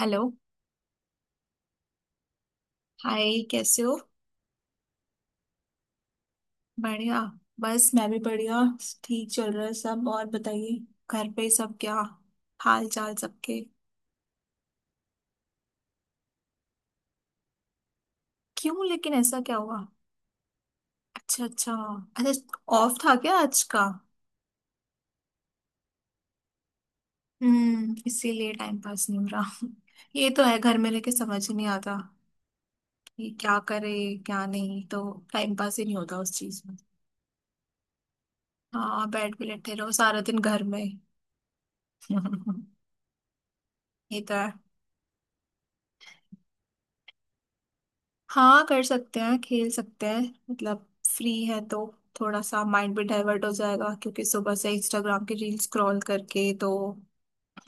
Hello. Hi, कैसे हो? बढ़िया। बस मैं भी बढ़िया। ठीक चल रहा है सब, और बताइए। घर पे सब क्या हाल चाल सबके? क्यों, लेकिन ऐसा क्या हुआ? अच्छा अच्छा। अच्छा, ऑफ था क्या आज का? हम्म, इसीलिए टाइम पास नहीं हो रहा। ये तो है, घर में रह के समझ ही नहीं आता कि क्या करे। क्या? नहीं तो। टाइम पास ही नहीं होता उस चीज में। हाँ, बैठ के लेटे रहो सारा दिन घर में। ये तो है। हाँ, कर सकते हैं, खेल सकते हैं। मतलब फ्री है तो थोड़ा सा माइंड भी डाइवर्ट हो जाएगा, क्योंकि सुबह से इंस्टाग्राम की रील स्क्रॉल करके तो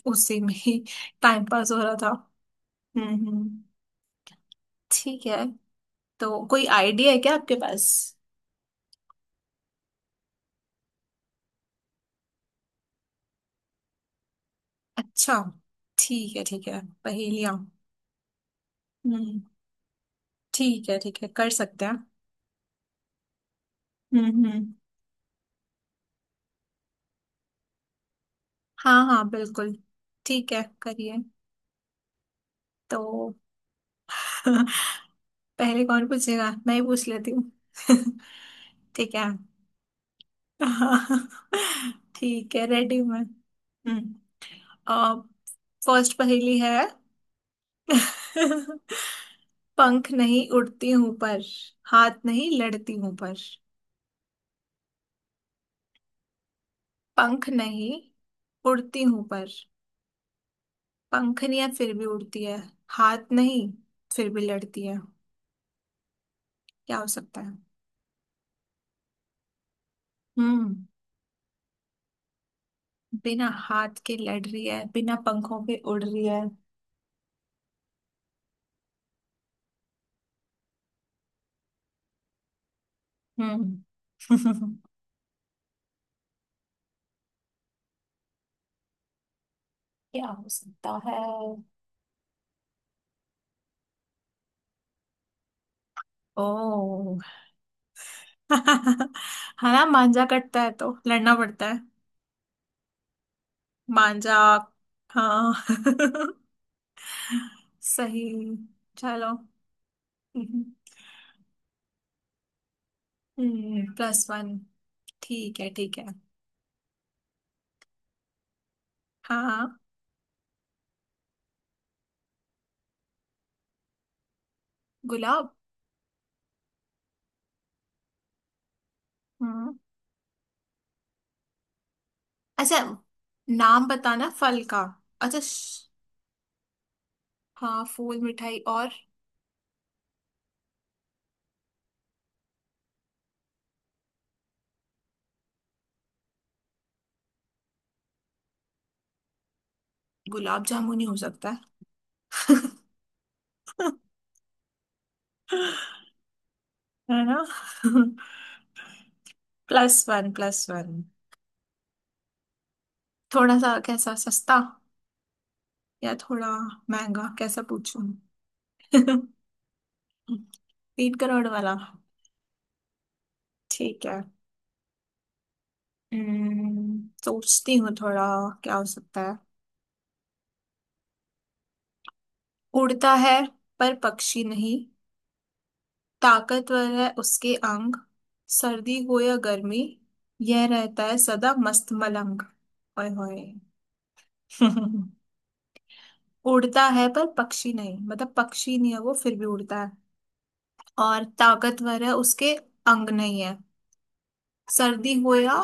उसी में ही टाइम पास हो रहा था। हम्म। ठीक है। तो कोई आइडिया है क्या आपके पास? अच्छा। ठीक है ठीक है। पहेलियाँ। हम्म। ठीक है ठीक है, कर सकते हैं। हम्म। हाँ हाँ, बिल्कुल। ठीक है, करिए। तो पहले कौन पूछेगा? मैं ही पूछ लेती हूँ। ठीक है। हाँ, ठीक है, रेडी में। हम्म। फर्स्ट पहेली है। पंख नहीं उड़ती हूं पर, हाथ नहीं लड़ती हूं पर। पंख नहीं उड़ती हूं पर पंखनियां फिर भी उड़ती है, हाथ नहीं फिर भी लड़ती है। क्या हो सकता है? हम्म। बिना हाथ के लड़ रही है, बिना पंखों के उड़ रही है। हम्म। क्या हो सकता है? ओ। हाँ ना, मांजा कटता है तो लड़ना पड़ता है। मांजा। हाँ। सही। चलो। हम्म। +1। ठीक है ठीक है। हाँ। गुलाब। हम्म। अच्छा, नाम बताना फल का। अच्छा, हाँ, फूल मिठाई और गुलाब जामुन ही हो सकता है। है ना? +1, +1। थोड़ा सा कैसा सस्ता, या थोड़ा महंगा कैसा पूछूं? 3 करोड़ वाला? ठीक है। सोचती हूँ थोड़ा, क्या हो सकता है? उड़ता है पर पक्षी नहीं, ताकतवर है उसके अंग, सर्दी हो या गर्मी यह रहता है सदा मस्त मलंग। ओए होए। उड़ता है पर पक्षी नहीं, मतलब पक्षी नहीं है वो, फिर भी उड़ता है। और ताकतवर है उसके अंग। नहीं है? सर्दी हो या...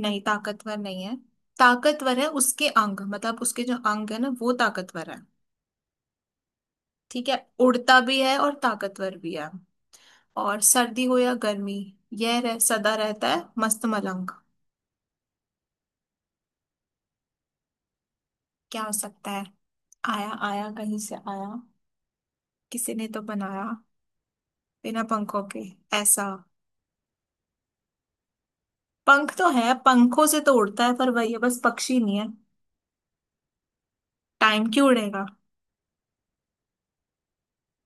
नहीं, ताकतवर नहीं है। ताकतवर है उसके अंग, मतलब उसके जो अंग है ना वो ताकतवर है। ठीक है, उड़ता भी है और ताकतवर भी है। और सर्दी हो या गर्मी यह सदा रहता है मस्त मलंग। क्या हो सकता है? आया आया कहीं से आया, किसी ने तो बनाया। बिना पंखों के ऐसा। पंख तो है, पंखों से तो उड़ता है पर, वही है, बस पक्षी नहीं है। टाइम क्यों उड़ेगा?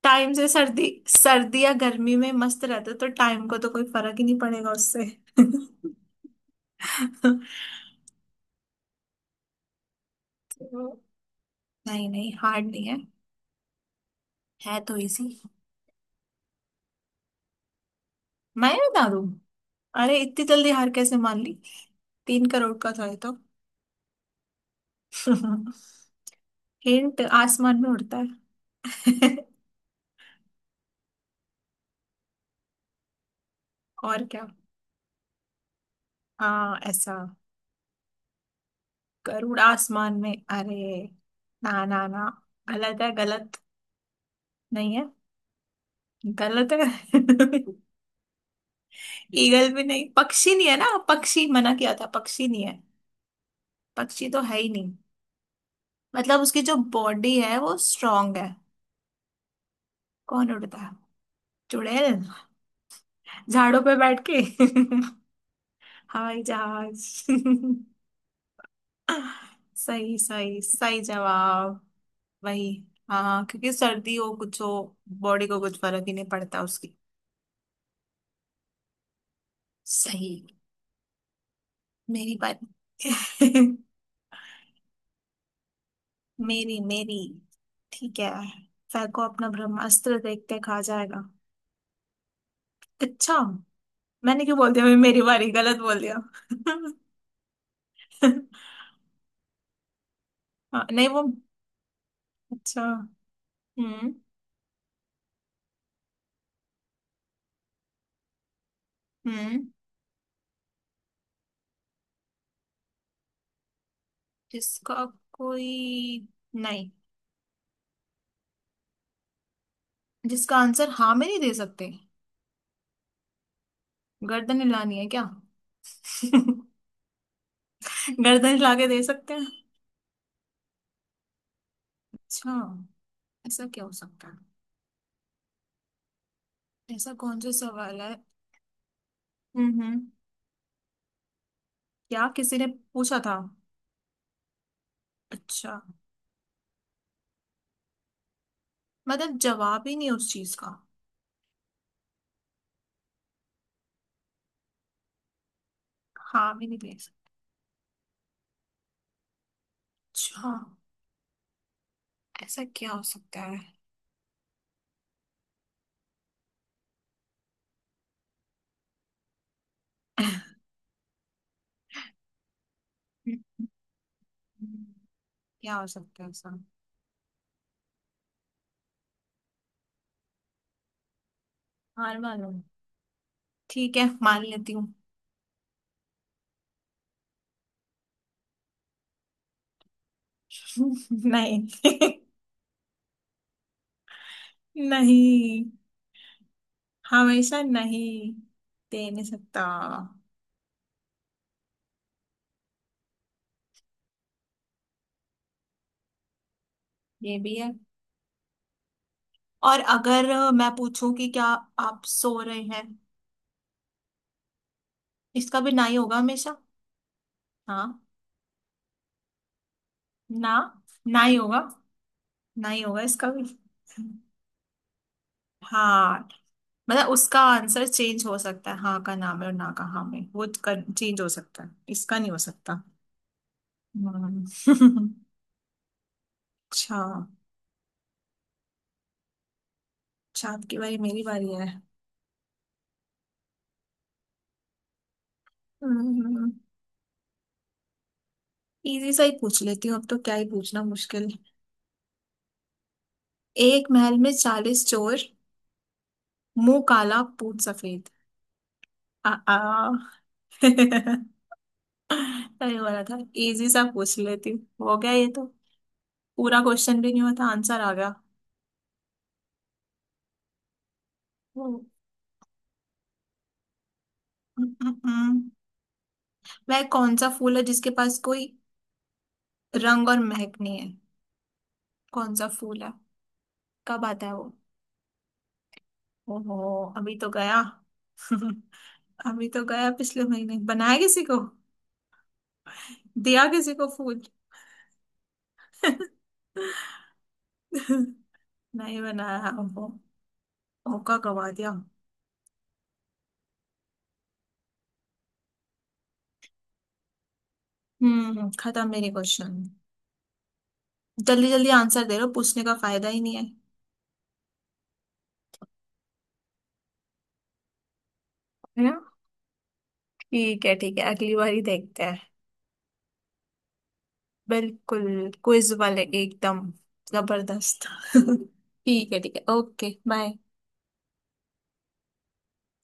टाइम से सर्दी, सर्दी या गर्मी में मस्त रहता है तो टाइम को तो कोई फर्क ही नहीं पड़ेगा उससे। तो नहीं नहीं, हार्ड नहीं है, है तो इजी। मैं बता दूं? अरे इतनी जल्दी हार कैसे मान ली? 3 करोड़ का था ये तो। हिंट, आसमान में उड़ता है। और क्या? हाँ ऐसा। गरुड़? आसमान में? अरे, ना ना ना, गलत है गलत। नहीं है। गलत है। ईगल भी नहीं, पक्षी नहीं है ना, पक्षी मना किया था, पक्षी नहीं है। पक्षी तो है ही नहीं। मतलब उसकी जो बॉडी है वो स्ट्रांग है। कौन उड़ता है? चुड़ैल, झाड़ों पे बैठ के। हवाई जहाज। सही सही सही जवाब। वही। हाँ हाँ, क्योंकि सर्दी हो कुछ हो, बॉडी को कुछ फर्क ही नहीं पड़ता उसकी। सही। मेरी बारी। मेरी मेरी, ठीक है। सर को अपना ब्रह्मास्त्र देखते खा जाएगा। अच्छा। मैंने क्यों बोल दिया मैं मेरी बारी? गलत बोल दिया। हाँ, नहीं वो। अच्छा। हम्म। हम्म। जिसका कोई नहीं, जिसका आंसर हाँ में नहीं दे सकते? गर्दन हिलानी है क्या? गर्दन हिला के दे सकते हैं? अच्छा। ऐसा क्या हो सकता है? ऐसा कौन सा सवाल है? हम्म। क्या किसी ने पूछा था? अच्छा, मतलब जवाब ही नहीं उस चीज का? हाँ भी नहीं दे सकते? अच्छा, ऐसा क्या हो सकता है? क्या हो सकता है ऐसा? हार मानो। ठीक है, मान लेती हूँ। नहीं। नहीं। हमेशा नहीं दे नहीं सकता। ये भी है। और अगर मैं पूछूं कि क्या आप सो रहे हैं? इसका भी ना ही होगा हमेशा। हाँ। ना, ना ही होगा। ना ही होगा इसका भी। हाँ, मतलब उसका आंसर चेंज हो सकता है, हाँ का नाम है और ना का हाँ में वो चेंज हो सकता है, इसका नहीं हो सकता। हम्म। अच्छा। अच्छा, आपकी बारी, मेरी बारी है। हम्म, इजी सा ही पूछ लेती हूँ अब तो, क्या ही पूछना मुश्किल। एक महल में 40 चोर, मुंह काला पूत सफेद। आ, आ। अरे वाला था। इजी सा पूछ लेती हूँ। हो गया ये तो, पूरा क्वेश्चन भी नहीं होता आंसर आ गया। हम्म, हम्म, हम्म। वह कौन सा फूल है जिसके पास कोई रंग और महक नहीं है? कौन सा फूल है? कब आता है वो? ओहो। अभी तो गया। अभी तो गया, पिछले महीने बनाया किसी को, दिया किसी को फूल। नहीं बनाया? ओहो, मौका गवा दिया। हम्म, खत्म मेरे क्वेश्चन। जल्दी जल्दी आंसर दे रहे हो, पूछने का फायदा ही नहीं है। ठीक है ठीक है, अगली बारी देखते हैं। बिल्कुल क्विज वाले एकदम जबरदस्त। ठीक है ठीक है, ओके बाय।